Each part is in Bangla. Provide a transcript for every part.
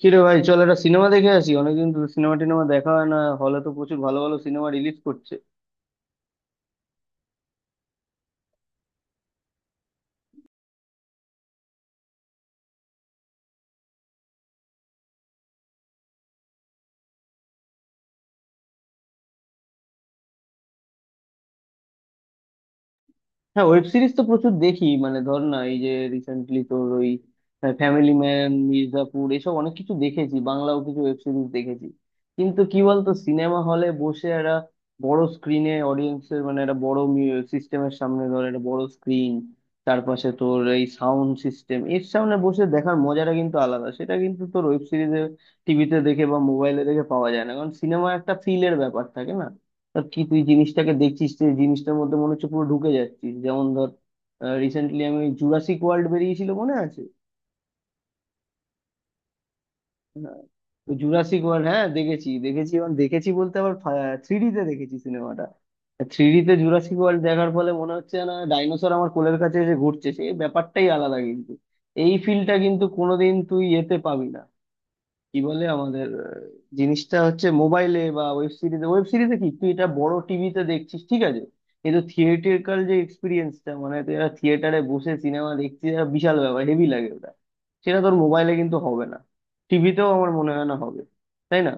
কিরে ভাই, চল একটা সিনেমা দেখে আসি। অনেকদিন তো সিনেমা টিনেমা দেখা হয় না, হলে তো প্রচুর ভালো ভালো সিনেমা রিলিজ করছে। হ্যাঁ, ওয়েব সিরিজ তো প্রচুর দেখি, মানে ধর না এই যে রিসেন্টলি তোর ওই ফ্যামিলি ম্যান, মির্জাপুর, এসব অনেক কিছু দেখেছি, বাংলাও কিছু ওয়েব সিরিজ দেখেছি। কিন্তু কি বলতো, সিনেমা হলে বসে একটা বড় স্ক্রিনে অডিয়েন্সের মানে একটা বড় সিস্টেমের সামনে, ধর একটা বড় স্ক্রিন, তার পাশে তোর এই সাউন্ড সিস্টেম এর সামনে বসে দেখার মজাটা কিন্তু আলাদা। সেটা কিন্তু তোর ওয়েব সিরিজে, টিভিতে দেখে বা মোবাইলে দেখে পাওয়া যায় না। কারণ সিনেমা একটা ফিলের ব্যাপার থাকে না, তা কি তুই জিনিসটাকে দেখছিস, তুই জিনিসটার মধ্যে মনে হচ্ছে পুরো ঢুকে যাচ্ছিস। যেমন ধর, রিসেন্টলি আমি জুরাসিক ওয়ার্ল্ড বেরিয়েছিল মনে আছে? হ্যাঁ। জুরাসিক ওয়ার্ল্ড হ্যাঁ দেখেছি, দেখেছি এবং দেখেছি বলতে আবার থ্রি তে দেখেছি সিনেমাটা। থ্রি তে জুরাসিক ওয়ার্ল্ড দেখার ফলে মনে হচ্ছে না ডাইনোসর আমার কোলের কাছে এসে ঘুরছে, সেই ব্যাপারটাই আলাদা। কিন্তু এই ফিলটা কিন্তু কোনোদিন তুই এতে পাবি না, কি বলে আমাদের জিনিসটা হচ্ছে মোবাইলে বা ওয়েব সিরিজে। ওয়েব সিরিজে কি তুই এটা বড় টিভিতে দেখছিস ঠিক আছে, কিন্তু থিয়েটারকাল যে এক্সপিরিয়েন্সটা, মানে তুই একটা থিয়েটারে বসে সিনেমা দেখছিস এটা বিশাল ব্যাপার, হেভি লাগে ওটা। সেটা তোর মোবাইলে কিন্তু হবে না, টিভিতেও আমার মনে হয় না হবে, তাই না?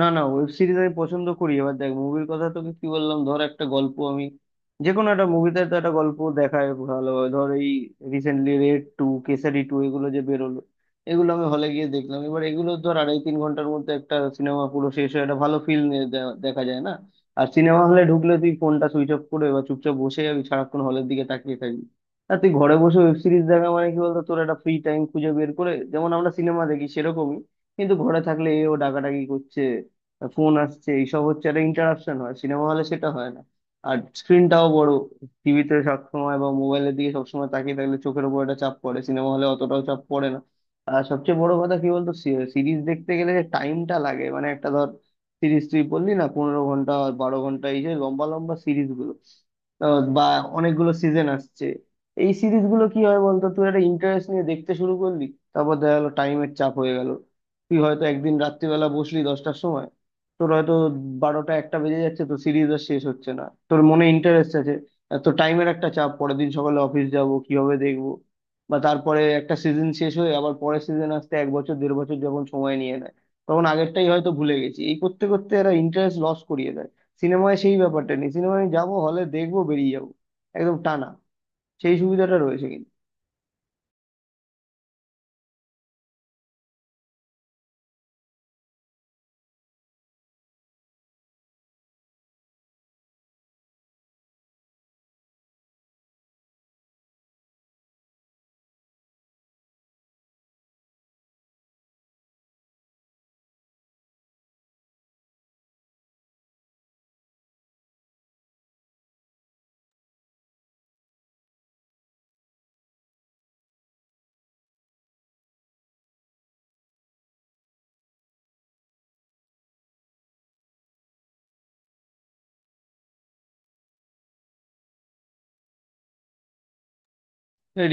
না, না, ওয়েব সিরিজ আমি পছন্দ করি। এবার দেখ, মুভির কথা তোকে কি বললাম, ধর একটা গল্প আমি যে কোনো একটা মুভিতে তো একটা গল্প দেখায় ভালোভাবে। ধর এই recently Raid two, Kesari two, এগুলো যে বেরোলো, এগুলো আমি হলে গিয়ে দেখলাম। এবার এগুলো ধর আড়াই তিন ঘন্টার মধ্যে একটা সিনেমা পুরো শেষ হয়ে একটা ভালো ফিল্ম দেখা যায় না? আর সিনেমা হলে ঢুকলে তুই ফোনটা সুইচ অফ করে এবার চুপচাপ বসে যাবি, সারাক্ষণ হলের দিকে তাকিয়ে থাকবি। আর তুই ঘরে বসে ওয়েব সিরিজ দেখা মানে কি বলতো, তোর একটা ফ্রি টাইম খুঁজে বের করে যেমন আমরা সিনেমা দেখি সেরকমই। কিন্তু ঘরে থাকলে এ ও ডাকাডাকি করছে, ফোন আসছে, এইসব হচ্ছে, একটা ইন্টারাকশন হয়, সিনেমা হলে সেটা হয় না। আর স্ক্রিনটাও বড়, টিভিতে সবসময় বা মোবাইলের দিকে সবসময় তাকিয়ে থাকলে চোখের উপর একটা চাপ পড়ে, সিনেমা হলে অতটাও চাপ পড়ে না। আর সবচেয়ে বড় কথা কি বলতো, সিরিজ দেখতে গেলে যে টাইমটা লাগে, মানে একটা ধর সিরিজ, তুই বললি না 15 ঘন্টা আর 12 ঘন্টা, এই যে লম্বা লম্বা সিরিজগুলো, আহ বা অনেকগুলো সিজন আসছে, এই সিরিজগুলো কি হয় বলতো, তুই একটা ইন্টারেস্ট নিয়ে দেখতে শুরু করলি, তারপর দেখা গেলো টাইমের চাপ হয়ে গেল। তুই হয়তো একদিন রাত্রিবেলা বসলি 10টার সময়, তোর হয়তো 12টা 1টা বেজে যাচ্ছে, তো সিরিজ আর শেষ হচ্ছে না, তোর মনে ইন্টারেস্ট আছে, তো টাইমের একটা চাপ, পরের দিন সকালে অফিস যাব, কিভাবে দেখবো? বা তারপরে একটা সিজন শেষ হয়ে আবার পরের সিজন আসতে এক বছর, দেড় বছর যখন সময় নিয়ে নেয়, তখন আগেরটাই হয়তো ভুলে গেছি, এই করতে করতে এরা ইন্টারেস্ট লস করিয়ে দেয়। সিনেমায় সেই ব্যাপারটা নেই, সিনেমায় আমি যাবো, হলে দেখবো, বেরিয়ে যাবো, একদম টানা, সেই সুবিধাটা রয়েছে কিন্তু।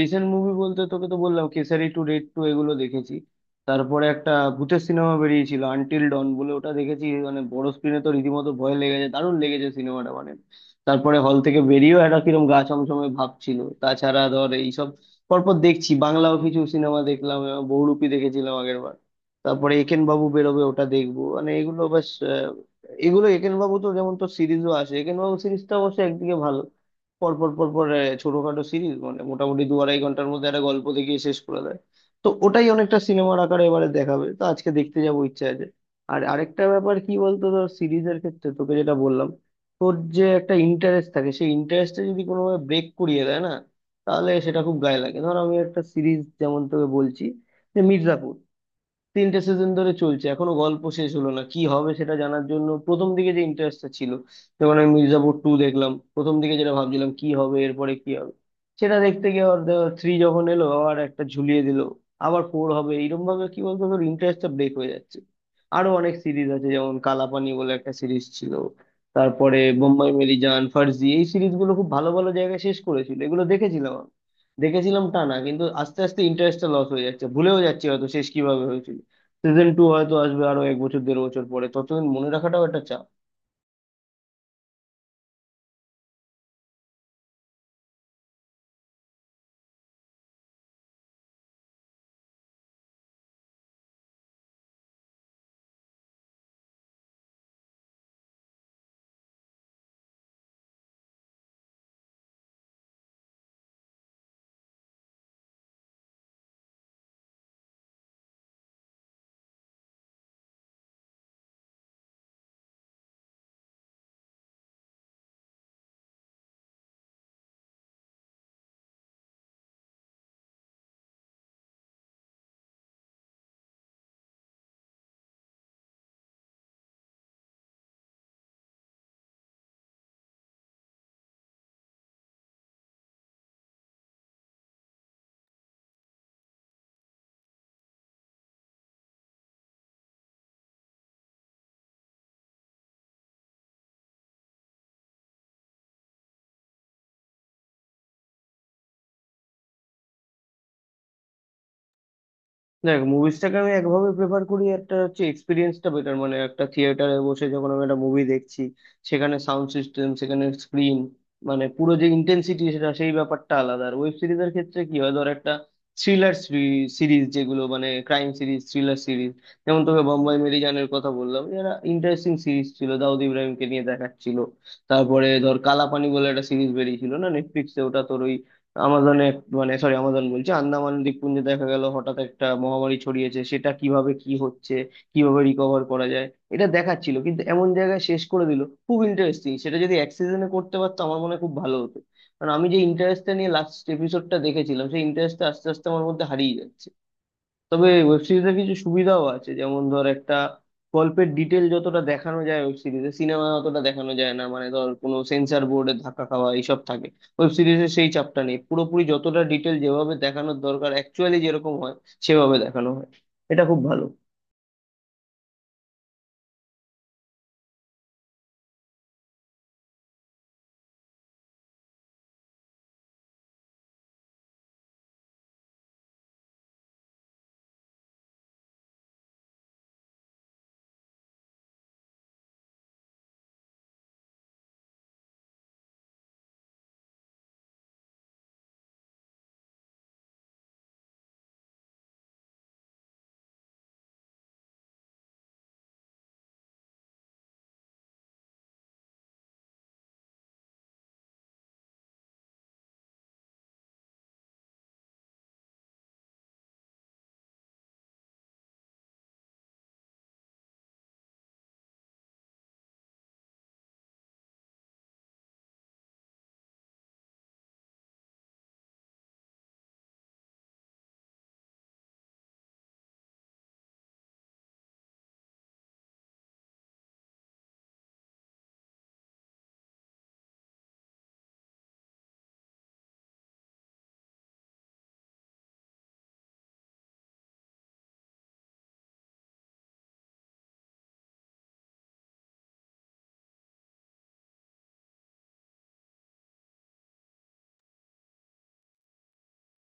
রিসেন্ট মুভি বলতে তোকে তো বললাম কেসারি টু, রেড টু, এগুলো দেখেছি। তারপরে একটা ভূতের সিনেমা বেরিয়েছিল আনটিল ডন বলে, ওটা দেখেছি। মানে বড় স্ক্রিনে তো রীতিমতো ভয় লেগেছে, দারুণ লেগেছে সিনেমাটা, মানে তারপরে হল থেকে বেরিয়েও একটা কিরম গা ছমছমে ভাব ছিল। তাছাড়া ধর এইসব পরপর দেখছি, বাংলাও কিছু সিনেমা দেখলাম, বহুরূপী দেখেছিলাম আগের বার। তারপরে একেন বাবু বেরোবে, ওটা দেখবো, মানে এগুলো বেশ, এগুলো একেন বাবু তো যেমন তোর সিরিজও আসে, একেন বাবু সিরিজটা অবশ্য একদিকে ভালো, পর পর পর পর ছোটখাটো সিরিজ মানে মোটামুটি দু আড়াই ঘন্টার মধ্যে একটা গল্প দেখিয়ে শেষ করে দেয়। তো ওটাই অনেকটা সিনেমার আকারে এবারে দেখাবে, তো আজকে দেখতে যাবো, ইচ্ছা আছে। আর আরেকটা ব্যাপার কি বলতো, ধর সিরিজের ক্ষেত্রে তোকে যেটা বললাম, তোর যে একটা ইন্টারেস্ট থাকে, সেই ইন্টারেস্টটা যদি কোনোভাবে ব্রেক করিয়ে দেয় না, তাহলে সেটা খুব গায়ে লাগে। ধর আমি একটা সিরিজ যেমন তোকে বলছি যে মির্জাপুর, 3টে সিজন ধরে চলছে, এখনো গল্প শেষ হলো না, কি হবে সেটা জানার জন্য প্রথম দিকে যে ইন্টারেস্টটা ছিল, যেমন আমি মির্জাপুর টু দেখলাম, প্রথম দিকে যেটা ভাবছিলাম কি হবে, এরপরে কি হবে, সেটা দেখতে গিয়ে আবার থ্রি যখন এলো আবার একটা ঝুলিয়ে দিল, আবার ফোর হবে, এইরকম ভাবে কি বলতো তোর ইন্টারেস্টটা ব্রেক হয়ে যাচ্ছে। আরো অনেক সিরিজ আছে, যেমন কালাপানি বলে একটা সিরিজ ছিল, তারপরে বোম্বাই মেরি জান, ফার্জি, এই সিরিজগুলো খুব ভালো ভালো জায়গায় শেষ করেছিল, এগুলো দেখেছিলাম আমি, দেখেছিলাম টানা। কিন্তু আস্তে আস্তে ইন্টারেস্টটা লস হয়ে যাচ্ছে, ভুলেও যাচ্ছি হয়তো শেষ কিভাবে হয়েছিল। সিজন টু হয়তো আসবে আরো এক বছর দেড় বছর পরে, ততদিন মনে রাখাটাও একটা চাপ। দেখ, মুভিসটাকে আমি একভাবে প্রেফার করি, একটা হচ্ছে এক্সপিরিয়েন্সটা বেটার, মানে একটা থিয়েটারে বসে যখন আমি একটা মুভি দেখছি, সেখানে সাউন্ড সিস্টেম, সেখানে স্ক্রিন, মানে পুরো যে ইন্টেন্সিটি সেটা, সেই ব্যাপারটা আলাদা। আর ওয়েব সিরিজের ক্ষেত্রে কি হয়, ধর একটা থ্রিলার সিরিজ, যেগুলো মানে ক্রাইম সিরিজ, থ্রিলার সিরিজ, যেমন তোকে বম্বাই মেরিজানের কথা বললাম, এরা ইন্টারেস্টিং সিরিজ ছিল, দাউদ ইব্রাহিমকে নিয়ে দেখাচ্ছিল। তারপরে ধর কালাপানি বলে একটা সিরিজ বেরিয়েছিল না নেটফ্লিক্সে, ওটা তোর ওই আমাজনে, মানে সরি আমাজন বলছি, আন্দামান দ্বীপপুঞ্জে দেখা গেল হঠাৎ একটা মহামারী ছড়িয়েছে, সেটা কিভাবে কি হচ্ছে, কিভাবে রিকভার করা যায়, এটা দেখাচ্ছিল। কিন্তু এমন জায়গায় শেষ করে দিল, খুব ইন্টারেস্টিং, সেটা যদি এক সিজনে করতে পারতো আমার মনে হয় খুব ভালো হতো। কারণ আমি যে ইন্টারেস্টটা নিয়ে লাস্ট এপিসোডটা দেখেছিলাম, সেই ইন্টারেস্টটা আস্তে আস্তে আমার মধ্যে হারিয়ে যাচ্ছে। তবে ওয়েব সিরিজের কিছু সুবিধাও আছে, যেমন ধর একটা গল্পের ডিটেল যতটা দেখানো যায় ওয়েব সিরিজে, সিনেমা অতটা দেখানো যায় না। মানে ধর কোনো সেন্সর বোর্ডের ধাক্কা খাওয়া এইসব থাকে, ওয়েব সিরিজে সেই চাপটা নেই। পুরোপুরি যতটা ডিটেল যেভাবে দেখানোর দরকার অ্যাকচুয়ালি যেরকম হয় সেভাবে দেখানো হয়, এটা খুব ভালো।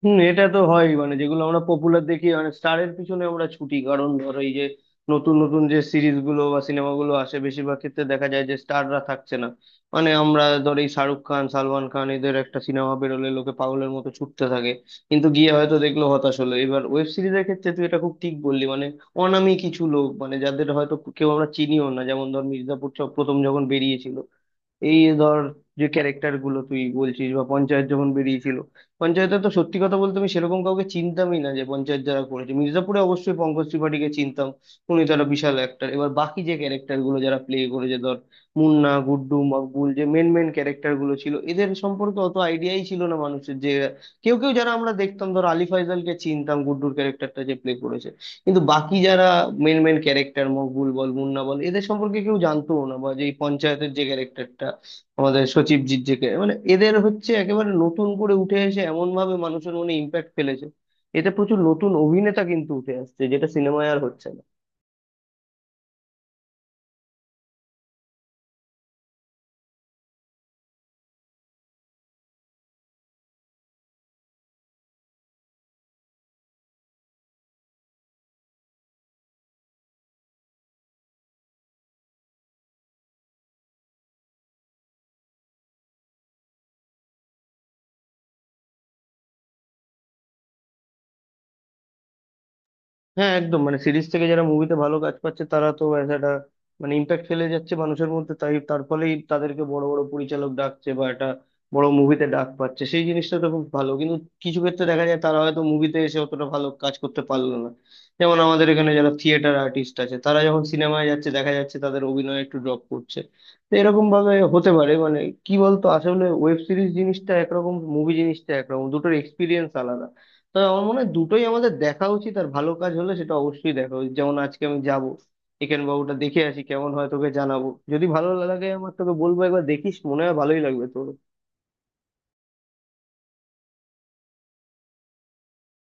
হুম, এটা তো হয়, মানে যেগুলো আমরা পপুলার দেখি, মানে স্টারের পিছনে আমরা ছুটি। কারণ ধরো এই যে নতুন নতুন যে সিরিজ গুলো বা সিনেমাগুলো আসে বেশিরভাগ ক্ষেত্রে দেখা যায় যে স্টাররা থাকছে না। মানে আমরা ধর এই শাহরুখ খান, সালমান খান, এদের একটা সিনেমা বেরোলে লোকে পাগলের মতো ছুটতে থাকে, কিন্তু গিয়ে হয়তো দেখলো হতাশ হলো। এবার ওয়েব সিরিজের ক্ষেত্রে তুই এটা খুব ঠিক বললি, মানে অনামী কিছু লোক মানে যাদের হয়তো কেউ আমরা চিনিও না, যেমন ধর মির্জাপুর প্রথম যখন বেরিয়েছিল, এই ধর যে ক্যারেক্টার গুলো তুই বলছিস, বা পঞ্চায়েত যখন বেরিয়েছিল, পঞ্চায়েতে তো সত্যি কথা বলতে আমি সেরকম কাউকে চিনতামই না যে পঞ্চায়েত যারা করেছে। মির্জাপুরে অবশ্যই পঙ্কজ ত্রিপাঠীকে চিনতাম, উনি তো একটা বিশাল অ্যাক্টার। এবার বাকি যে ক্যারেক্টার গুলো যারা প্লে করেছে, ধর মুন্না, গুড্ডু, মকবুল, যে মেন মেন ক্যারেক্টার গুলো ছিল, এদের সম্পর্কে অত আইডিয়াই ছিল না মানুষের। যে কেউ কেউ যারা আমরা দেখতাম, ধর আলি ফাইজালকে চিনতাম, গুড্ডুর ক্যারেক্টারটা যে প্লে করেছে। কিন্তু বাকি যারা মেন মেন ক্যারেক্টার, মকবুল বল, মুন্না বল, এদের সম্পর্কে কেউ জানতো না। বা যে এই পঞ্চায়েতের যে ক্যারেক্টারটা, আমাদের সচিবজির যে মানে এদের হচ্ছে একেবারে নতুন করে উঠে এসে এমন ভাবে মানুষের মনে ইম্প্যাক্ট ফেলেছে, এতে প্রচুর নতুন অভিনেতা কিন্তু উঠে আসছে, যেটা সিনেমায় আর হচ্ছে না। হ্যাঁ একদম, মানে সিরিজ থেকে যারা মুভিতে ভালো কাজ পাচ্ছে তারা তো as একটা মানে ইম্প্যাক্ট ফেলে যাচ্ছে মানুষের মধ্যে, তাই তার ফলেই তাদেরকে বড় বড় পরিচালক ডাকছে বা একটা বড় মুভিতে ডাক পাচ্ছে, সেই জিনিসটা তো খুব ভালো। কিন্তু কিছু ক্ষেত্রে দেখা যায় তারা হয়তো মুভিতে এসে অতটা ভালো কাজ করতে পারলো না, যেমন আমাদের এখানে যারা থিয়েটার আর্টিস্ট আছে তারা যখন সিনেমায় যাচ্ছে দেখা যাচ্ছে তাদের অভিনয় একটু ড্রপ করছে। তো এরকম ভাবে হতে পারে, মানে কি বলতো আসলে ওয়েব সিরিজ জিনিসটা একরকম, মুভি জিনিসটা একরকম, দুটোর এক্সপিরিয়েন্স আলাদা। তবে আমার মনে হয় দুটোই আমাদের দেখা উচিত, আর ভালো কাজ হলে সেটা অবশ্যই দেখা উচিত। যেমন আজকে আমি যাব, একেন বাবুটা দেখে আসি, কেমন হয় তোকে জানাবো। যদি ভালো লাগে আমার তোকে বলবো, একবার দেখিস, মনে হয় ভালোই লাগবে তোর।